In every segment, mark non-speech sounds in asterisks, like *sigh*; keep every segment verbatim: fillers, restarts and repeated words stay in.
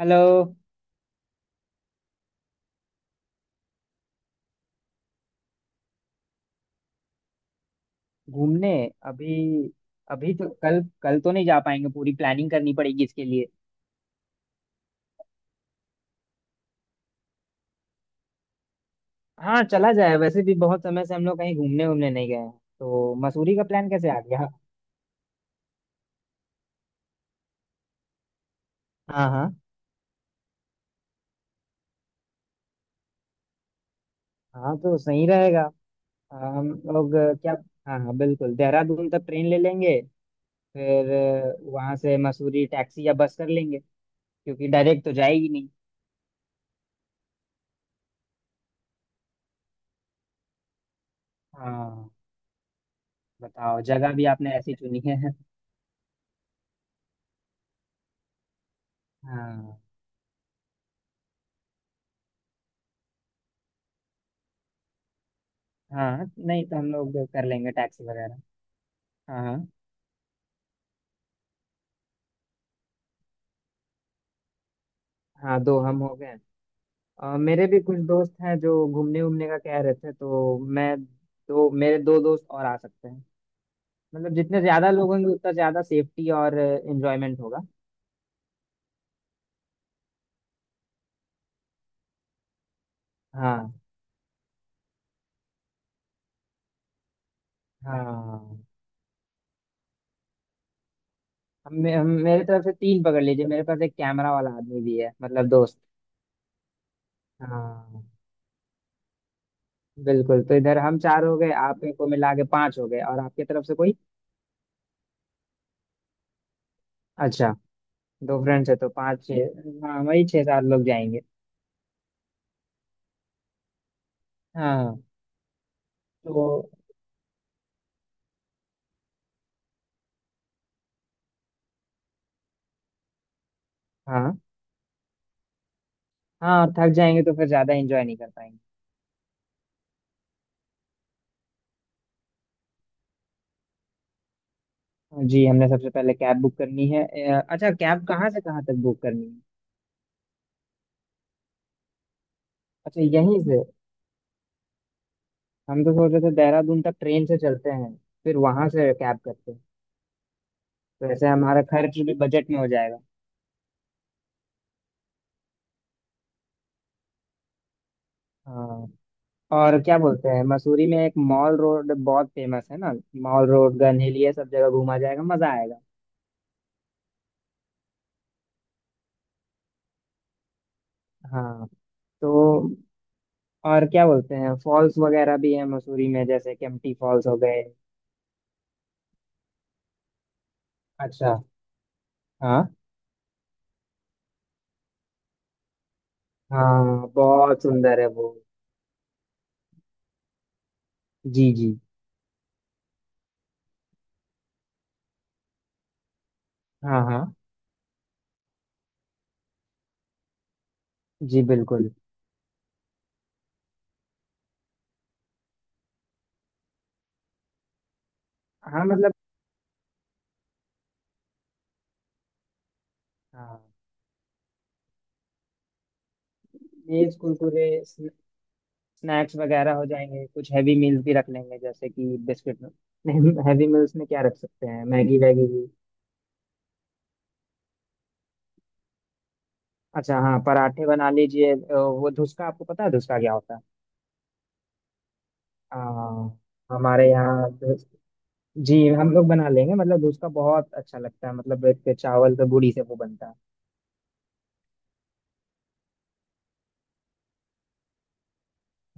Hello. घूमने? अभी? अभी तो कल कल तो नहीं जा पाएंगे, पूरी प्लानिंग करनी पड़ेगी इसके लिए। हाँ चला जाए, वैसे भी बहुत समय से हम लोग कहीं घूमने घूमने नहीं गए हैं। तो मसूरी का प्लान कैसे आ गया? हाँ हाँ। हाँ तो सही रहेगा। अ, हम लोग अ, क्या। हाँ हाँ, बिल्कुल देहरादून तक ट्रेन ले लेंगे, फिर अ, वहाँ से मसूरी टैक्सी या बस कर लेंगे, क्योंकि डायरेक्ट तो जाएगी नहीं। हाँ। बताओ, जगह भी आपने ऐसी चुनी है। हाँ हाँ, नहीं तो हम लोग कर लेंगे टैक्सी वगैरह। हाँ हाँ। हाँ, दो हम हो गए। अ, मेरे भी कुछ दोस्त हैं जो घूमने घूमने का कह रहे थे, तो मैं दो मेरे दो दोस्त और आ सकते हैं। मतलब जितने ज्यादा लोग होंगे, उतना ज्यादा सेफ्टी और एंजॉयमेंट होगा। हाँ हाँ। हम, मे- हम मेरे तरफ से तीन पकड़ लीजिए, मेरे पास एक कैमरा वाला आदमी भी है, मतलब दोस्त। हाँ बिल्कुल, तो इधर हम चार हो गए, आप को मिला के पांच हो गए, और आपकी तरफ से कोई? अच्छा, दो फ्रेंड्स है तो पांच छह, हाँ वही छह सात लोग जाएंगे। हाँ तो। हाँ हाँ, थक जाएंगे तो फिर ज्यादा एंजॉय नहीं कर पाएंगे। तो जी, हमने सबसे पहले कैब बुक करनी है। अ, अच्छा, कैब कहाँ से कहाँ तक बुक करनी है? अच्छा, यहीं से? हम तो सोच रहे थे देहरादून तक ट्रेन से चलते हैं, फिर वहां से कैब करते हैं। तो ऐसे हमारा खर्च भी बजट में हो जाएगा। हाँ। और क्या बोलते हैं, मसूरी में एक मॉल रोड बहुत फेमस है ना। मॉल रोड, गन हिल, ये सब जगह घूमा जाएगा, मजा आएगा। हाँ तो। और क्या बोलते हैं, फॉल्स वगैरह भी है मसूरी में, जैसे केम्प्टी फॉल्स हो गए। अच्छा। हाँ हाँ, बहुत सुंदर है वो। जी जी। हाँ हाँ। जी बिल्कुल। हाँ मतलब। हाँ। लेज कुरकुरे स्न- स्नैक्स वगैरह हो जाएंगे, कुछ हैवी मील्स भी रख लेंगे, जैसे कि बिस्किट। हैवी मील्स में क्या रख सकते हैं, मैगी वैगी भी? अच्छा हाँ, पराठे बना लीजिए। अ, वो धुसका आपको पता है, धुसका क्या होता है? आ, हमारे यहाँ धुस- जी हम लोग बना लेंगे, मतलब धुसका बहुत अच्छा लगता है, मतलब एक चावल के बूड़ी से वो बनता है।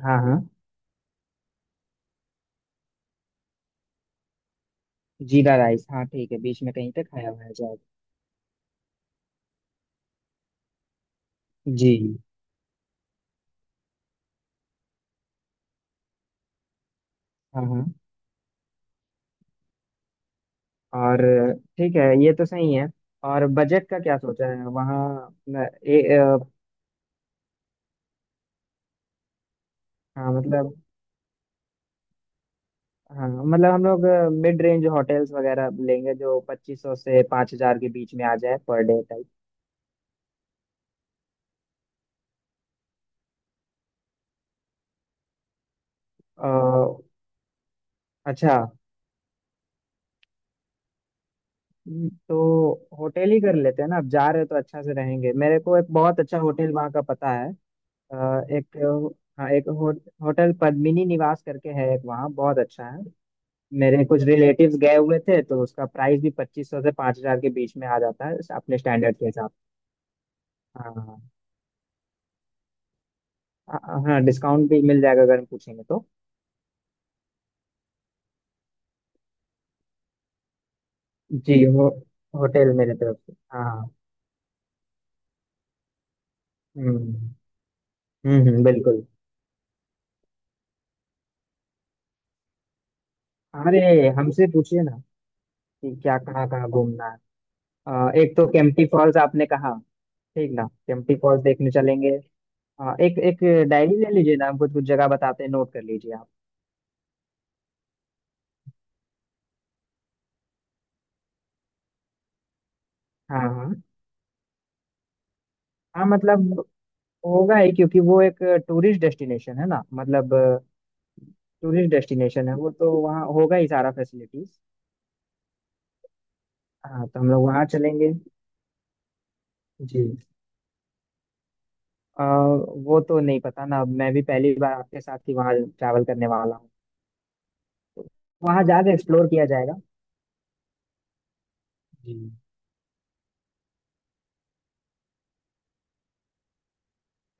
हाँ हाँ। जीरा राइस, हाँ ठीक है, बीच में कहीं पे खाया हुआ है। जी। हाँ हाँ। और। ठीक है, ये तो सही है। और बजट का क्या सोचा है वहाँ न- ए, अ, हाँ मतलब। हाँ मतलब हम लोग मिड रेंज होटल्स वगैरह लेंगे, जो पच्चीस सौ से पाँच हजार के बीच में आ जाए पर डे टाइप। अ, अच्छा। हम्म, तो होटल ही कर लेते हैं ना, अब जा रहे हैं तो अच्छा से रहेंगे, मेरे को एक बहुत अच्छा होटल वहाँ का पता है। अ, एक। हाँ, एक हो, होटल पद्मिनी निवास करके है एक, वहाँ बहुत अच्छा है। मेरे कुछ रिलेटिव्स गए हुए थे, तो उसका प्राइस भी पच्चीस सौ से पाँच हजार के बीच में आ जाता है, अपने स्टैंडर्ड के हिसाब। हाँ हाँ, हाँ डिस्काउंट भी मिल जाएगा अगर हम पूछेंगे तो। जी हो, होटल मेरे तरफ से हाँ। हम्म हम्म। हम्म, बिल्कुल। अरे, हमसे पूछिए ना कि क्या कहाँ कहाँ घूमना है। अ, एक तो केम्प्टी फॉल्स आपने कहा। ठीक ना, केम्प्टी फॉल्स देखने चलेंगे। अ, एक एक डायरी ले लीजिए ना, हम कुछ कुछ जगह बताते हैं, नोट कर लीजिए आप। हाँ हाँ। हाँ मतलब, होगा ही क्योंकि वो एक टूरिस्ट डेस्टिनेशन है ना, मतलब टूरिस्ट डेस्टिनेशन है वो, तो वहाँ होगा ही सारा फैसिलिटीज। हाँ तो हम लोग वहाँ चलेंगे। जी। अ, वो तो नहीं पता ना, अब मैं भी पहली बार आपके साथ ही वहाँ ट्रैवल करने वाला हूँ। तो वहाँ जाकर एक्सप्लोर किया जाएगा। जी।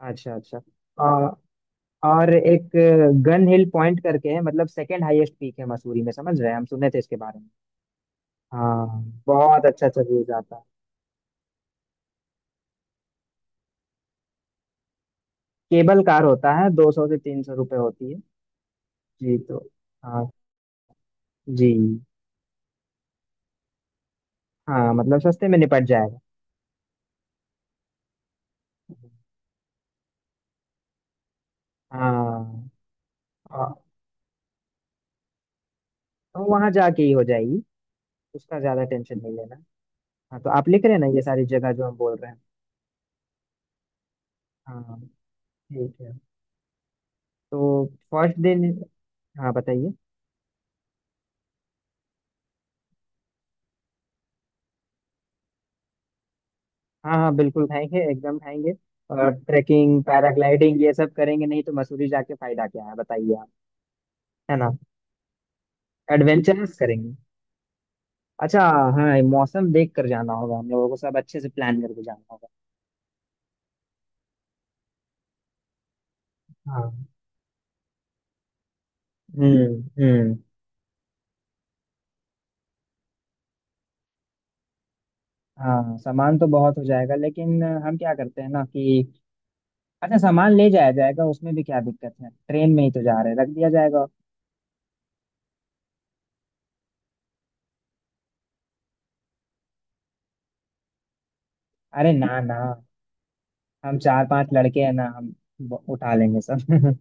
अच्छा अच्छा। अ, और एक गन हिल पॉइंट करके है, मतलब सेकंड हाईएस्ट पीक है मसूरी में, समझ रहे हैं, हम सुने थे इसके बारे में। हाँ बहुत अच्छा, अच्छा व्यूज आता है। केबल कार होता है, दो सौ से तीन सौ रुपये होती है। जी तो। हाँ। जी। हाँ मतलब सस्ते में निपट जाएगा। हाँ। आ, तो वहां जाके ही हो जाएगी। उसका ज्यादा टेंशन नहीं लेना। हाँ तो आप लिख रहे हैं ना ये सारी जगह जो हम बोल रहे हैं। हाँ ठीक है। तो फर्स्ट दिन। हाँ बताइए। हाँ हाँ, बिल्कुल खाएंगे, एकदम खाएंगे। और ट्रैकिंग, पैराग्लाइडिंग ये सब करेंगे, नहीं तो मसूरी जाके फायदा क्या है, बताइए आप। है ना? एडवेंचरस करेंगे। अच्छा। हाँ, ये मौसम देख कर जाना होगा हम लोगों को, सब अच्छे से प्लान करके जाना होगा। हाँ। हम्म हम्म। हाँ सामान तो बहुत हो जाएगा, लेकिन हम क्या करते हैं ना कि अच्छा सामान ले जाया जाएगा, उसमें भी क्या दिक्कत है, ट्रेन में ही तो जा रहे हैं, रख दिया जाएगा। अरे ना ना, हम चार पांच लड़के हैं ना, हम ब- उठा लेंगे सब। *laughs*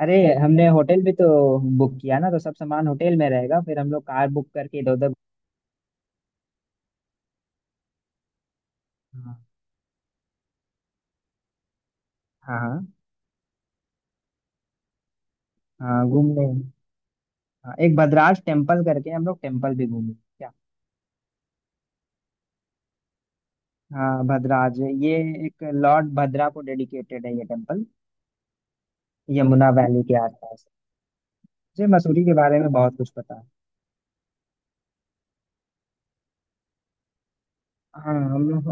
अरे, हमने होटल भी तो बुक किया ना, तो सब सामान होटल में रहेगा, फिर हम लोग कार बुक करके इधर उधर। हाँ हाँ। हाँ घूम लेंगे। हाँ, एक भद्राज टेम्पल करके, हम लोग टेम्पल भी घूमेंगे क्या? हाँ भद्राज, ये एक लॉर्ड भद्रा को डेडिकेटेड है ये टेम्पल, यमुना वैली के आसपास। मुझे मसूरी के बारे में बहुत कुछ पता है। हाँ हम लोग।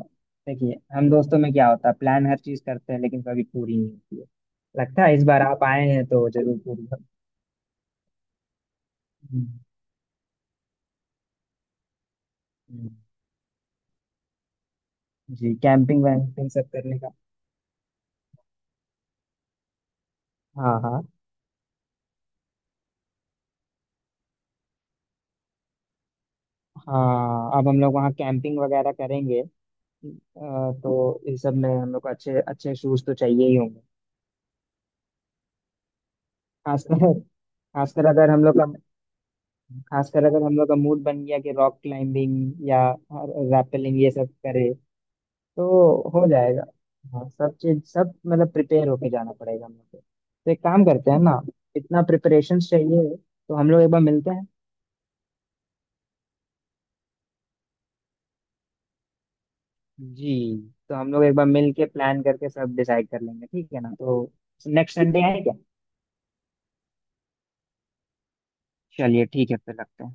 देखिए, हम दोस्तों में क्या होता है, प्लान हर चीज करते हैं लेकिन कभी पूरी नहीं होती है। लगता है इस बार आप आए हैं तो जरूर पूरी हो। हम्म, हम्म। जी, कैंपिंग वैम्पिंग सब करने का। हाँ हाँ। हाँ अब हम लोग वहाँ कैंपिंग वगैरह करेंगे। अ, तो इस सब में हम लोग को अच्छे अच्छे शूज तो चाहिए ही होंगे, खासकर। खासकर अगर हम लोग का खासकर अगर हम लोग का मूड बन गया कि रॉक क्लाइंबिंग या रैपलिंग ये सब करें, तो हो जाएगा। हाँ सब चीज, सब मतलब प्रिपेयर होके जाना पड़ेगा हम लोग को, तो एक काम करते हैं ना, इतना प्रिपरेशन चाहिए तो हम लोग एक बार मिलते हैं। जी। तो हम लोग एक बार मिल के प्लान करके सब डिसाइड कर लेंगे, ठीक है ना, तो नेक्स्ट संडे आए क्या? चलिए ठीक है, फिर रखते हैं।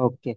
ओके।